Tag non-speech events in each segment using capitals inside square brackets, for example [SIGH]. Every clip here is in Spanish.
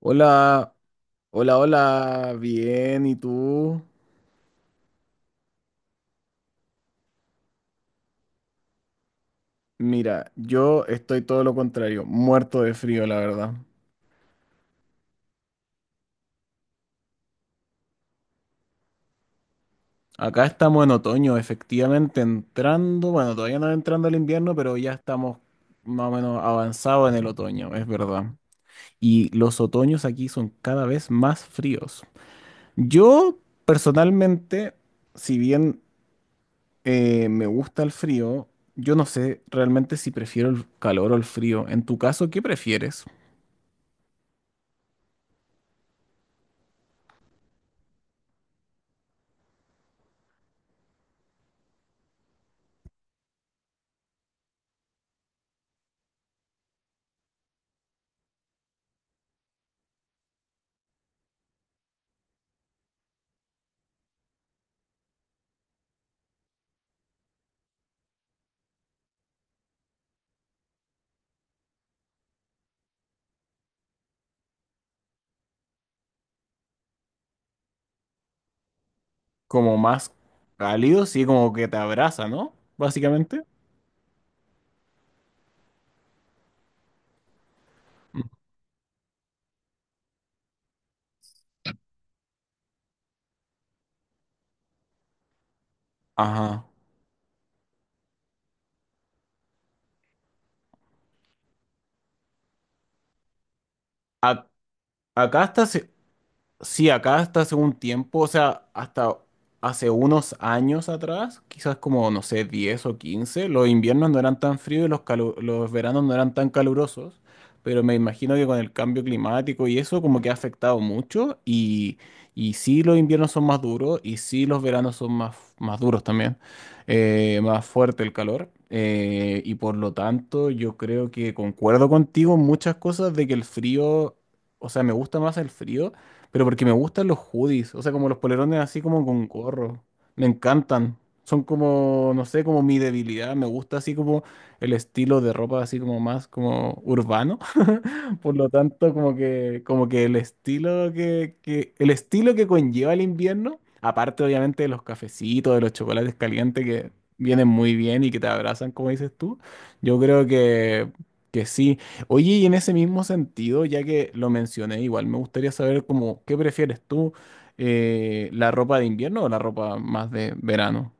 Hola, hola, hola, bien, ¿y tú? Mira, yo estoy todo lo contrario, muerto de frío, la verdad. Acá estamos en otoño, efectivamente entrando, bueno, todavía no entrando el invierno, pero ya estamos más o menos avanzados en el otoño, es verdad. Y los otoños aquí son cada vez más fríos. Yo, personalmente, si bien me gusta el frío, yo no sé realmente si prefiero el calor o el frío. En tu caso, ¿qué prefieres? Como más cálido, sí, como que te abraza, ¿no? Básicamente. Ajá. A- acá está. Sí, acá hasta hace un tiempo, o sea, hasta hace unos años atrás, quizás como, no sé, 10 o 15, los inviernos no eran tan fríos y los veranos no eran tan calurosos, pero me imagino que con el cambio climático y eso como que ha afectado mucho y sí los inviernos son más duros y sí los veranos son más, más duros también, más fuerte el calor. Y por lo tanto, yo creo que concuerdo contigo en muchas cosas de que el frío, o sea, me gusta más el frío, pero porque me gustan los hoodies, o sea, como los polerones así como con gorro. Me encantan. Son como, no sé, como mi debilidad. Me gusta así como el estilo de ropa así como más como urbano. [LAUGHS] Por lo tanto, como que el estilo el estilo que conlleva el invierno, aparte obviamente de los cafecitos, de los chocolates calientes que vienen muy bien y que te abrazan, como dices tú, yo creo que sí. Oye, y en ese mismo sentido, ya que lo mencioné, igual me gustaría saber como, ¿qué prefieres tú? ¿La ropa de invierno o la ropa más de verano?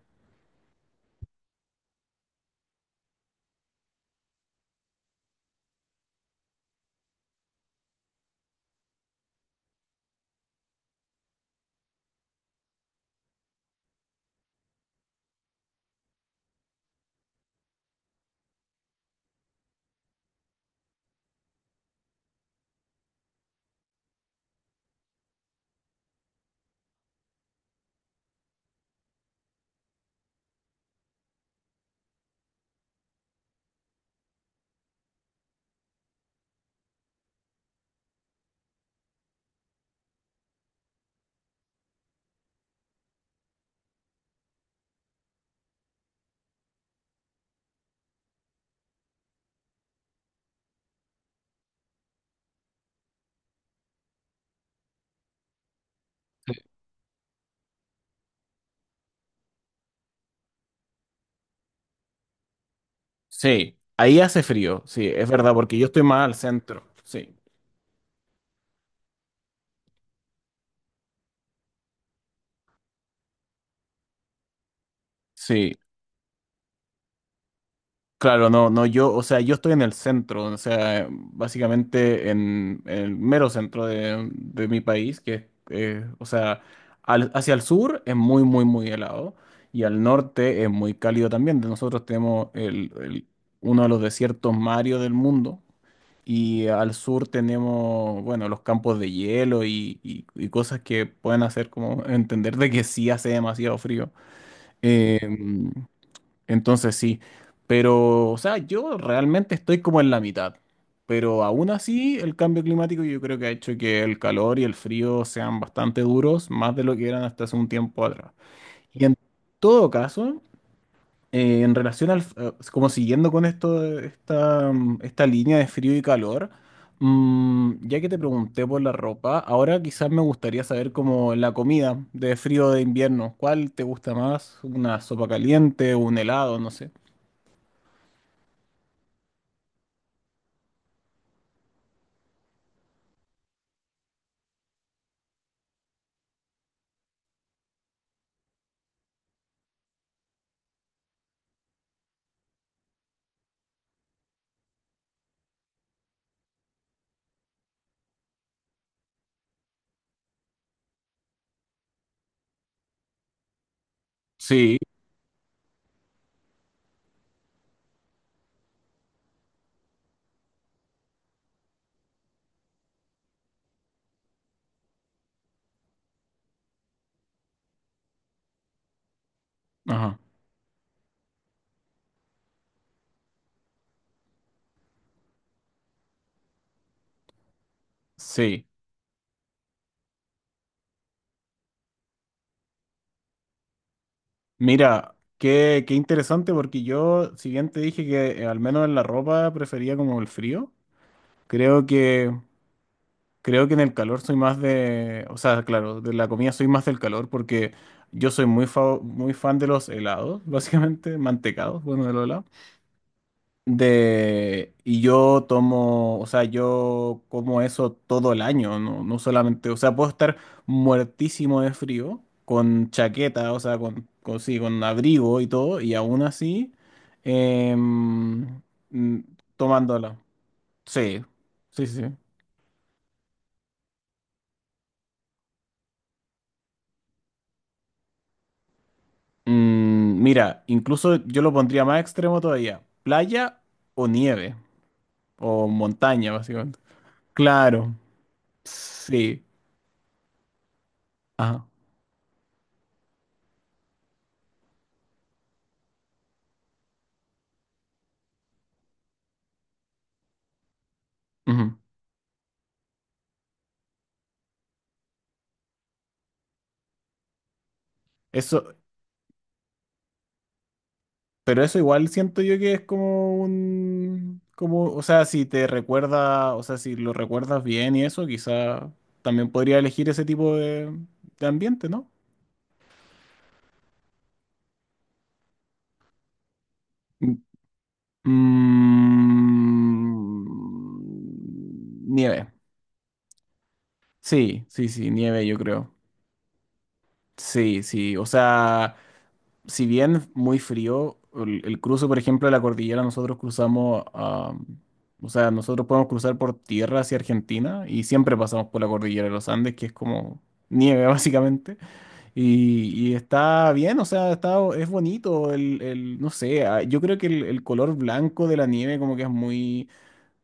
Sí, ahí hace frío, sí, es verdad, porque yo estoy más al centro, sí, sí. Claro, no, no, yo, o sea, yo estoy en el centro, o sea, básicamente en el mero centro de mi país, que o sea, hacia el sur es muy helado y al norte es muy cálido también. De nosotros tenemos uno de los desiertos más áridos del mundo y al sur tenemos, bueno, los campos de hielo y cosas que pueden hacer como entender de que sí hace demasiado frío. Em, entonces sí, pero o sea, yo realmente estoy como en la mitad, pero aún así el cambio climático yo creo que ha hecho que el calor y el frío sean bastante duros, más de lo que eran hasta hace un tiempo atrás. Y en todo caso, en relación al, como siguiendo con esto, de esta línea de frío y calor, ya que te pregunté por la ropa, ahora quizás me gustaría saber como la comida de frío de invierno, ¿cuál te gusta más? ¿Una sopa caliente, un helado, no sé? Sí, ajá, sí. Mira, qué, qué interesante porque yo, si bien te dije que al menos en la ropa prefería como el frío, creo que, creo que en el calor soy más de, o sea, claro, de la comida soy más del calor porque yo soy muy, muy fan de los helados, [LAUGHS] básicamente, mantecados, bueno, de los helados. De, y yo tomo, o sea, yo como eso todo el año, no, no solamente, o sea, puedo estar muertísimo de frío, con chaqueta, o sea, sí, con abrigo y todo, y aún así, em, mm, tomándola. Sí, sí, sí. Mm, mira, incluso yo lo pondría más extremo todavía, playa o nieve, o montaña, básicamente. Claro, sí, ajá. Ujú. Eso, pero eso igual siento yo que es como un, como, o sea, si te recuerda, o sea, si lo recuerdas bien y eso, quizá también podría elegir ese tipo de ambiente, ¿no? Mm, mm, nieve. Sí, sí, sí, nieve, yo creo. Sí, sí, o sea, si bien muy frío, el cruce, por ejemplo, de la cordillera, nosotros cruzamos, ah, o sea, nosotros podemos cruzar por tierra hacia Argentina y siempre pasamos por la cordillera de los Andes, que es como nieve, [LAUGHS] básicamente, y está bien, o sea, está, es bonito, no sé, ah, yo creo que el color blanco de la nieve como que es muy,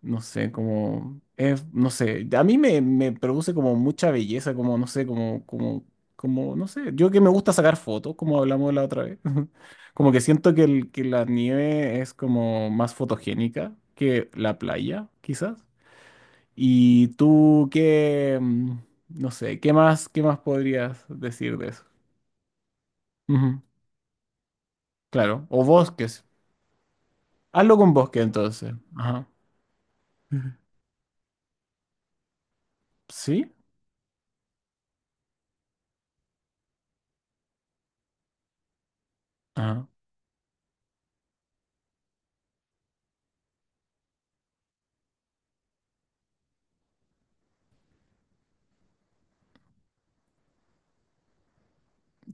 no sé, como, es, no sé, a mí me produce como mucha belleza, como, no sé, como, como, como, no sé, yo que me gusta sacar fotos, como hablamos la otra vez, [LAUGHS] como que siento que la nieve es como más fotogénica que la playa, quizás. Y tú, ¿qué, mm, no sé, qué más podrías decir de eso? Ujú, claro, o bosques, hazlo con bosque entonces, ajá, ¿sí? Ajá.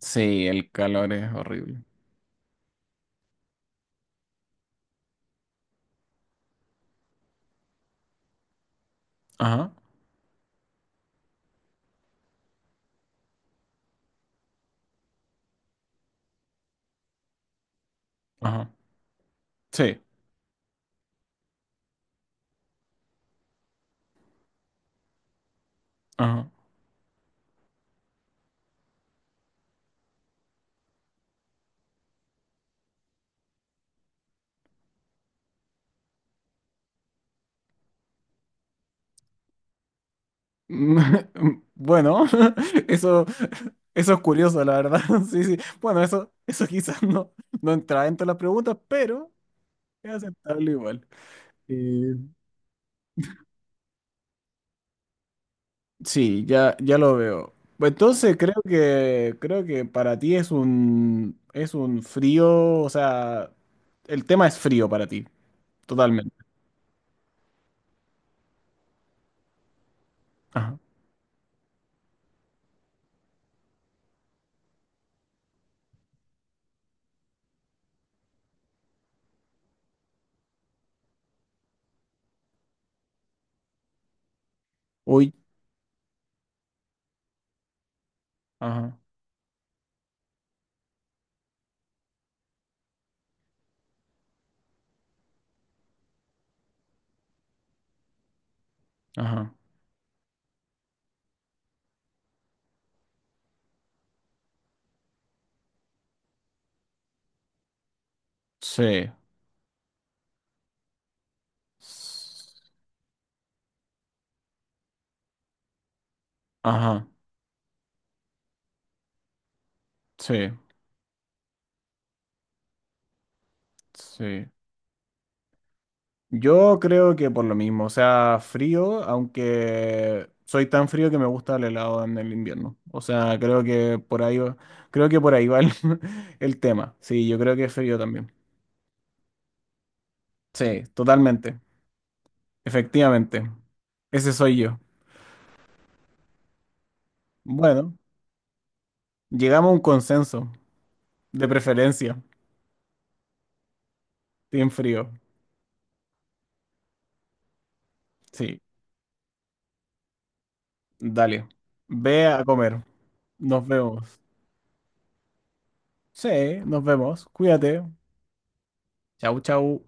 Sí, el calor es horrible. Ajá. Ajá. Sí. Ajá. [LAUGHS] Bueno, [LAUGHS] eso, eso es curioso, la verdad. [LAUGHS] Sí, sí. Bueno, eso quizás no, no entra dentro de las preguntas, pero es aceptable igual. Eh, sí, ya, ya lo veo. Entonces creo que para ti es un frío, o sea, el tema es frío para ti, totalmente. Ajá. Uy. Ajá. Ajá. Sí. S-, ajá. Sí. Sí. Yo creo que por lo mismo, o sea, frío, aunque soy tan frío que me gusta el helado en el invierno. O sea, creo que por ahí va, creo que por ahí va el, [LAUGHS] el tema. Sí, yo creo que es frío también. Sí, totalmente. Efectivamente. Ese soy yo. Bueno, llegamos a un consenso, de preferencia, team frío. Sí, dale. Ve a comer. Nos vemos. Sí, nos vemos. Cuídate. Chau, chau.